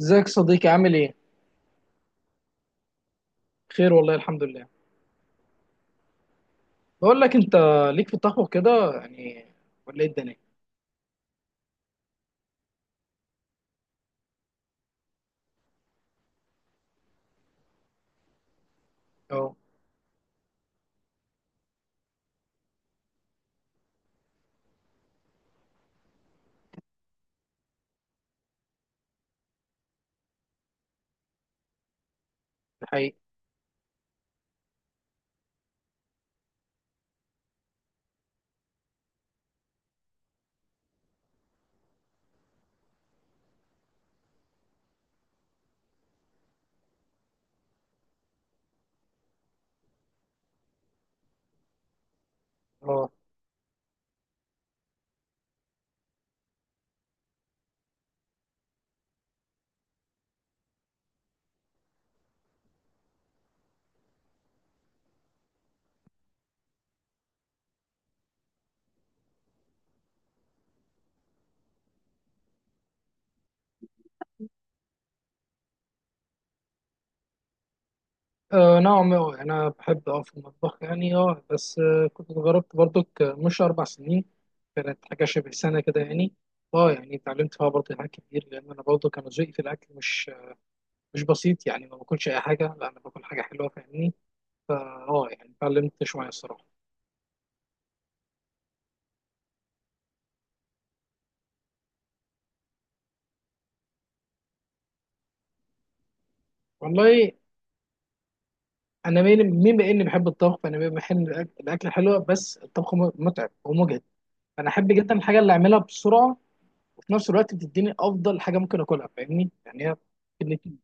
ازيك صديقي، عامل ايه؟ بخير والله، الحمد لله. بقول لك انت، ليك في الطبخ كده يعني، ولا ايه الدنيا؟ اه، ده حقيقي. اه، نعم. انا بحب في المطبخ يعني. اه بس كنت جربت برضك، مش 4 سنين، كانت حاجه شبه سنه كده يعني. اه يعني اتعلمت فيها برضه حاجات كتير، لان انا برضه كان ذوقي في الاكل مش بسيط يعني. ما باكلش اي حاجه، لا انا باكل حاجه حلوه، فاهمني. فا اه يعني اتعلمت شويه الصراحه. والله انا مين بما اني بحب الطبخ، فانا بحب الاكل حلو، بس الطبخ متعب ومجهد. انا احب جدا الحاجه اللي اعملها بسرعه، وفي نفس الوقت بتديني افضل حاجه ممكن اكلها، فاهمني يعني هي الاتنين.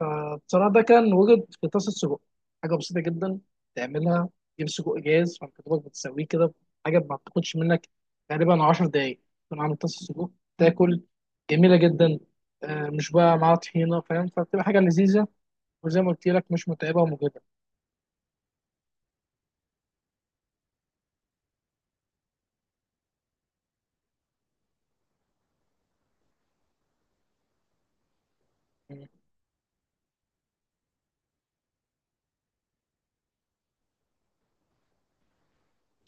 فبصراحه ده كان وجد في طاسه سجق، حاجه بسيطه جدا تعملها، تجيب سجق جاهز فانت دوبك بتسويه كده، حاجه ما بتاخدش منك تقريبا 10 دقايق تكون عامل طاسه سجق، تاكل. جميله جدا، مش بقى معاها طحينه فاهم، فبتبقى حاجه لذيذه. وزي ما قلت لك مش متعبه ومجهده.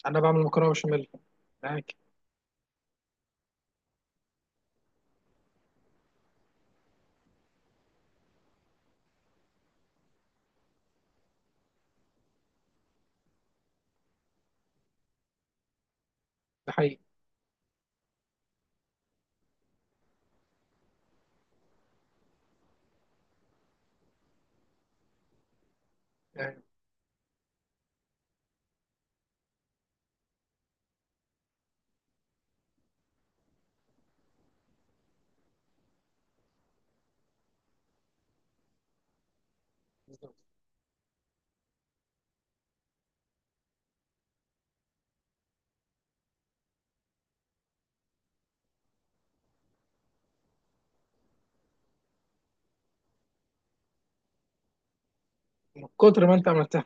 انا بعمل مكرونه بشاميل معاك. ده حقيقي. يعني بالظبط. من كتر ما انت عملتها.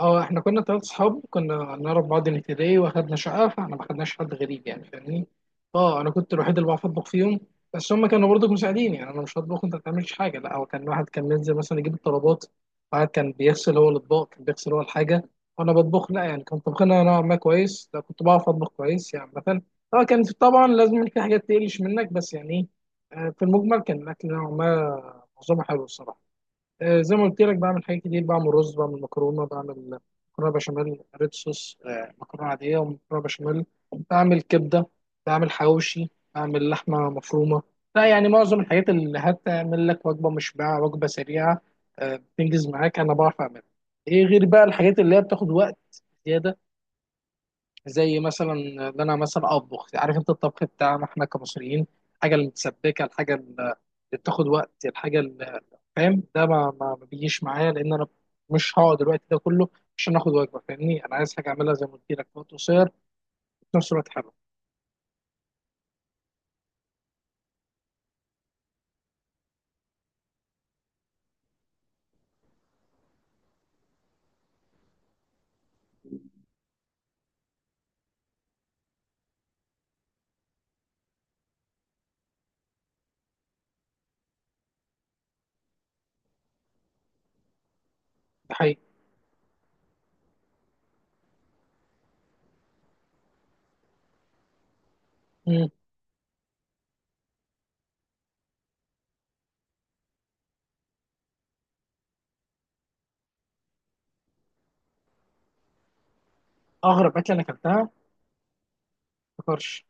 اه احنا كنا 3 صحاب كنا نعرف بعض من ابتدائي واخدنا شقه، فاحنا ما خدناش حد غريب يعني فاهمني. اه انا كنت الوحيد اللي بعرف اطبخ فيهم، بس هم كانوا برضه مساعدين. يعني انا مش هطبخ وانت ما بتعملش حاجه، لا هو كان واحد كان بينزل مثلا يجيب الطلبات، واحد كان بيغسل هو الاطباق كان بيغسل هو الحاجه، وانا بطبخ. لا يعني كان طبخنا نوعا ما كويس، لا كنت بعرف اطبخ كويس يعني مثلا. اه كان طبعا لازم في حاجات تقلش منك، بس يعني ايه، في المجمل كان الاكل نوعا ما معظمه حلو الصراحه. زي ما قلت لك بعمل حاجات كتير، بعمل رز، بعمل مكرونه، بعمل مكرونه بشاميل ريد صوص، مكرونه عاديه ومكرونه بشاميل، بعمل كبده، بعمل حواوشي، بعمل لحمه مفرومه. لا يعني معظم الحاجات اللي هتعمل لك وجبه مشبعه، وجبه سريعه، بتنجز معاك انا بعرف اعملها. ايه غير بقى الحاجات اللي هي بتاخد وقت زياده، زي مثلا ان انا مثلا اطبخ، عارف انت الطبخ بتاعنا احنا كمصريين، الحاجه المتسبكه، الحاجه اللي بتاخد وقت، الحاجه اللي فاهم، ده ما بيجيش معايا لان انا مش هقعد الوقت ده كله عشان اخد وجبه، فاهمني انا عايز حاجه اعملها زي ما قلت لك في وقت قصير، في نفس الوقت حلو. ده حقيقي. مم. اغرب اكله انا اكلتها الطرش.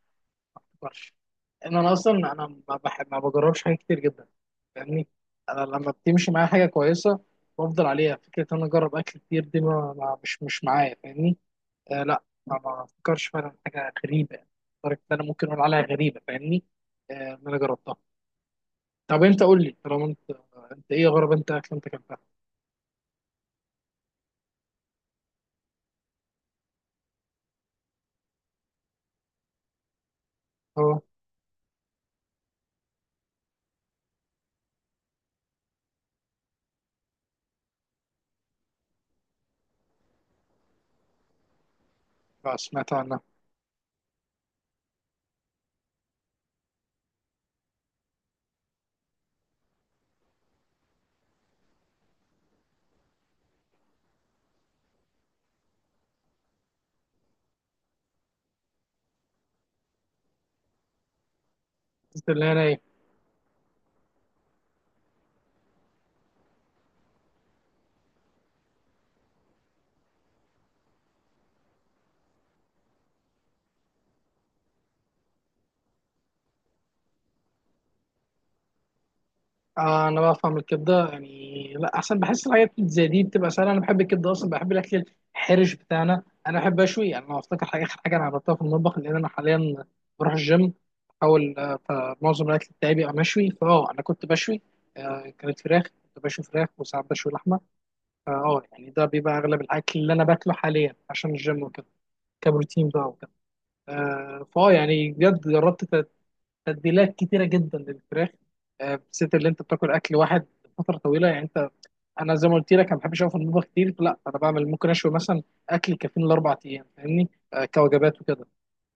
الطرش ان انا اصلا انا ما بحب ما بجربش حاجات كتير جدا، فاهمني. انا لما بتمشي معايا حاجه كويسه بفضل عليها، فكره ان انا اجرب اكل كتير دي مش معايا، فاهمني. آه لا ما فكرش فعلا في حاجه غريبه يعني، لدرجه ان انا ممكن اقول عليها غريبه، فاهمني. آه ان انا جربتها. طب انت قول لي طالما انت، انت ايه غرب انت اكل انت كلتها. اه سمعت عنها. قلت اللي هي ناي. آه انا بفهم الكبده يعني لا احسن، بحس الحاجات زي دي بتبقى سهله. انا بحب الكبده اصلا، بحب الاكل الحرش بتاعنا. انا بحب اشوي يعني. انا افتكر حاجه، اخر حاجه انا عملتها في المطبخ، لان انا حاليا بروح الجيم بحاول، فمعظم الاكل بتاعي بيبقى مشوي. فاه انا كنت بشوي، آه كانت فراخ، كنت بشوي فراخ وساعات بشوي لحمه. فاه يعني ده بيبقى اغلب الاكل اللي انا باكله حاليا عشان الجيم وكده، كبروتين بقى وكده. آه فاه يعني بجد جربت تتبيلات كتيره جدا للفراخ، بالذات اللي انت بتاكل اكل واحد فتره طويله يعني. انت، انا زي ما قلت لك انا ما بحبش اقف في المطبخ كتير، لا انا بعمل ممكن اشوي مثلا اكل كافيين ل4 ايام، فاهمني. كوجبات وكده.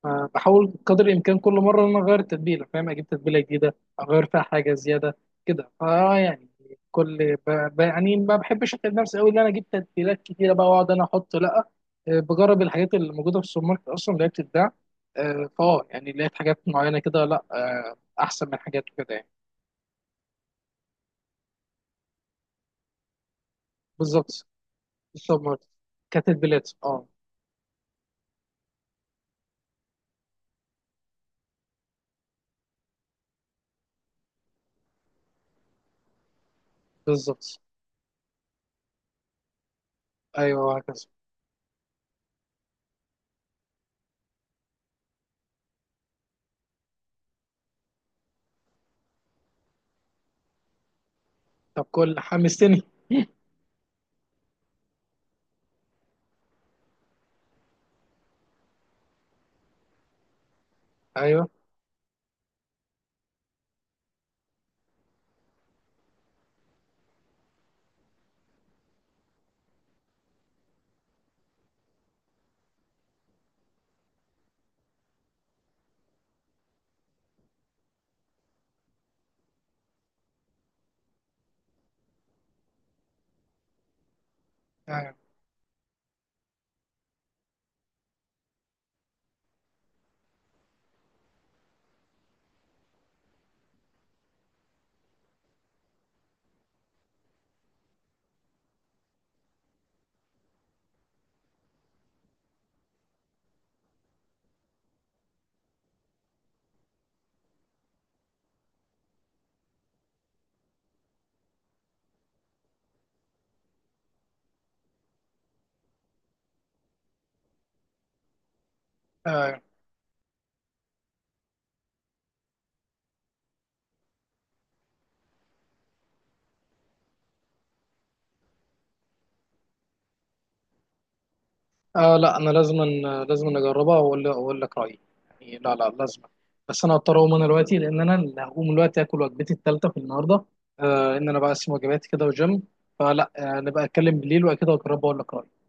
فبحاول قدر الامكان كل مره ان انا اغير التتبيله، فاهم اجيب تتبيله جديده اغير فيها حاجه زياده كده، فا يعني. كل يعني ما بحبش اتعب نفسي قوي ان انا اجيب تتبيلات كتيره بقى واقعد انا احط. لا بجرب الحاجات اللي موجوده في السوبر ماركت اصلا اللي هي بتتباع، فاه يعني لقيت حاجات معينه كده، لا احسن من حاجات كده يعني. بالظبط. السوبر ماركت، كتتبيلات اه. بالظبط. ايوه هكذا. طب كل حمستني. ايوه، ايوه، آه، آه، لا انا لازم، لازم اجربها واقول لك رايي. يعني لا لا لازم. بس انا هضطر اقوم انا دلوقتي لان انا اللي هقوم دلوقتي اكل وجبتي الثالثه في النهارده. آه ان انا بقسم وجباتي كده والجيم. فلا آه نبقى اتكلم بالليل وكده، واجربها واقول لك رايي.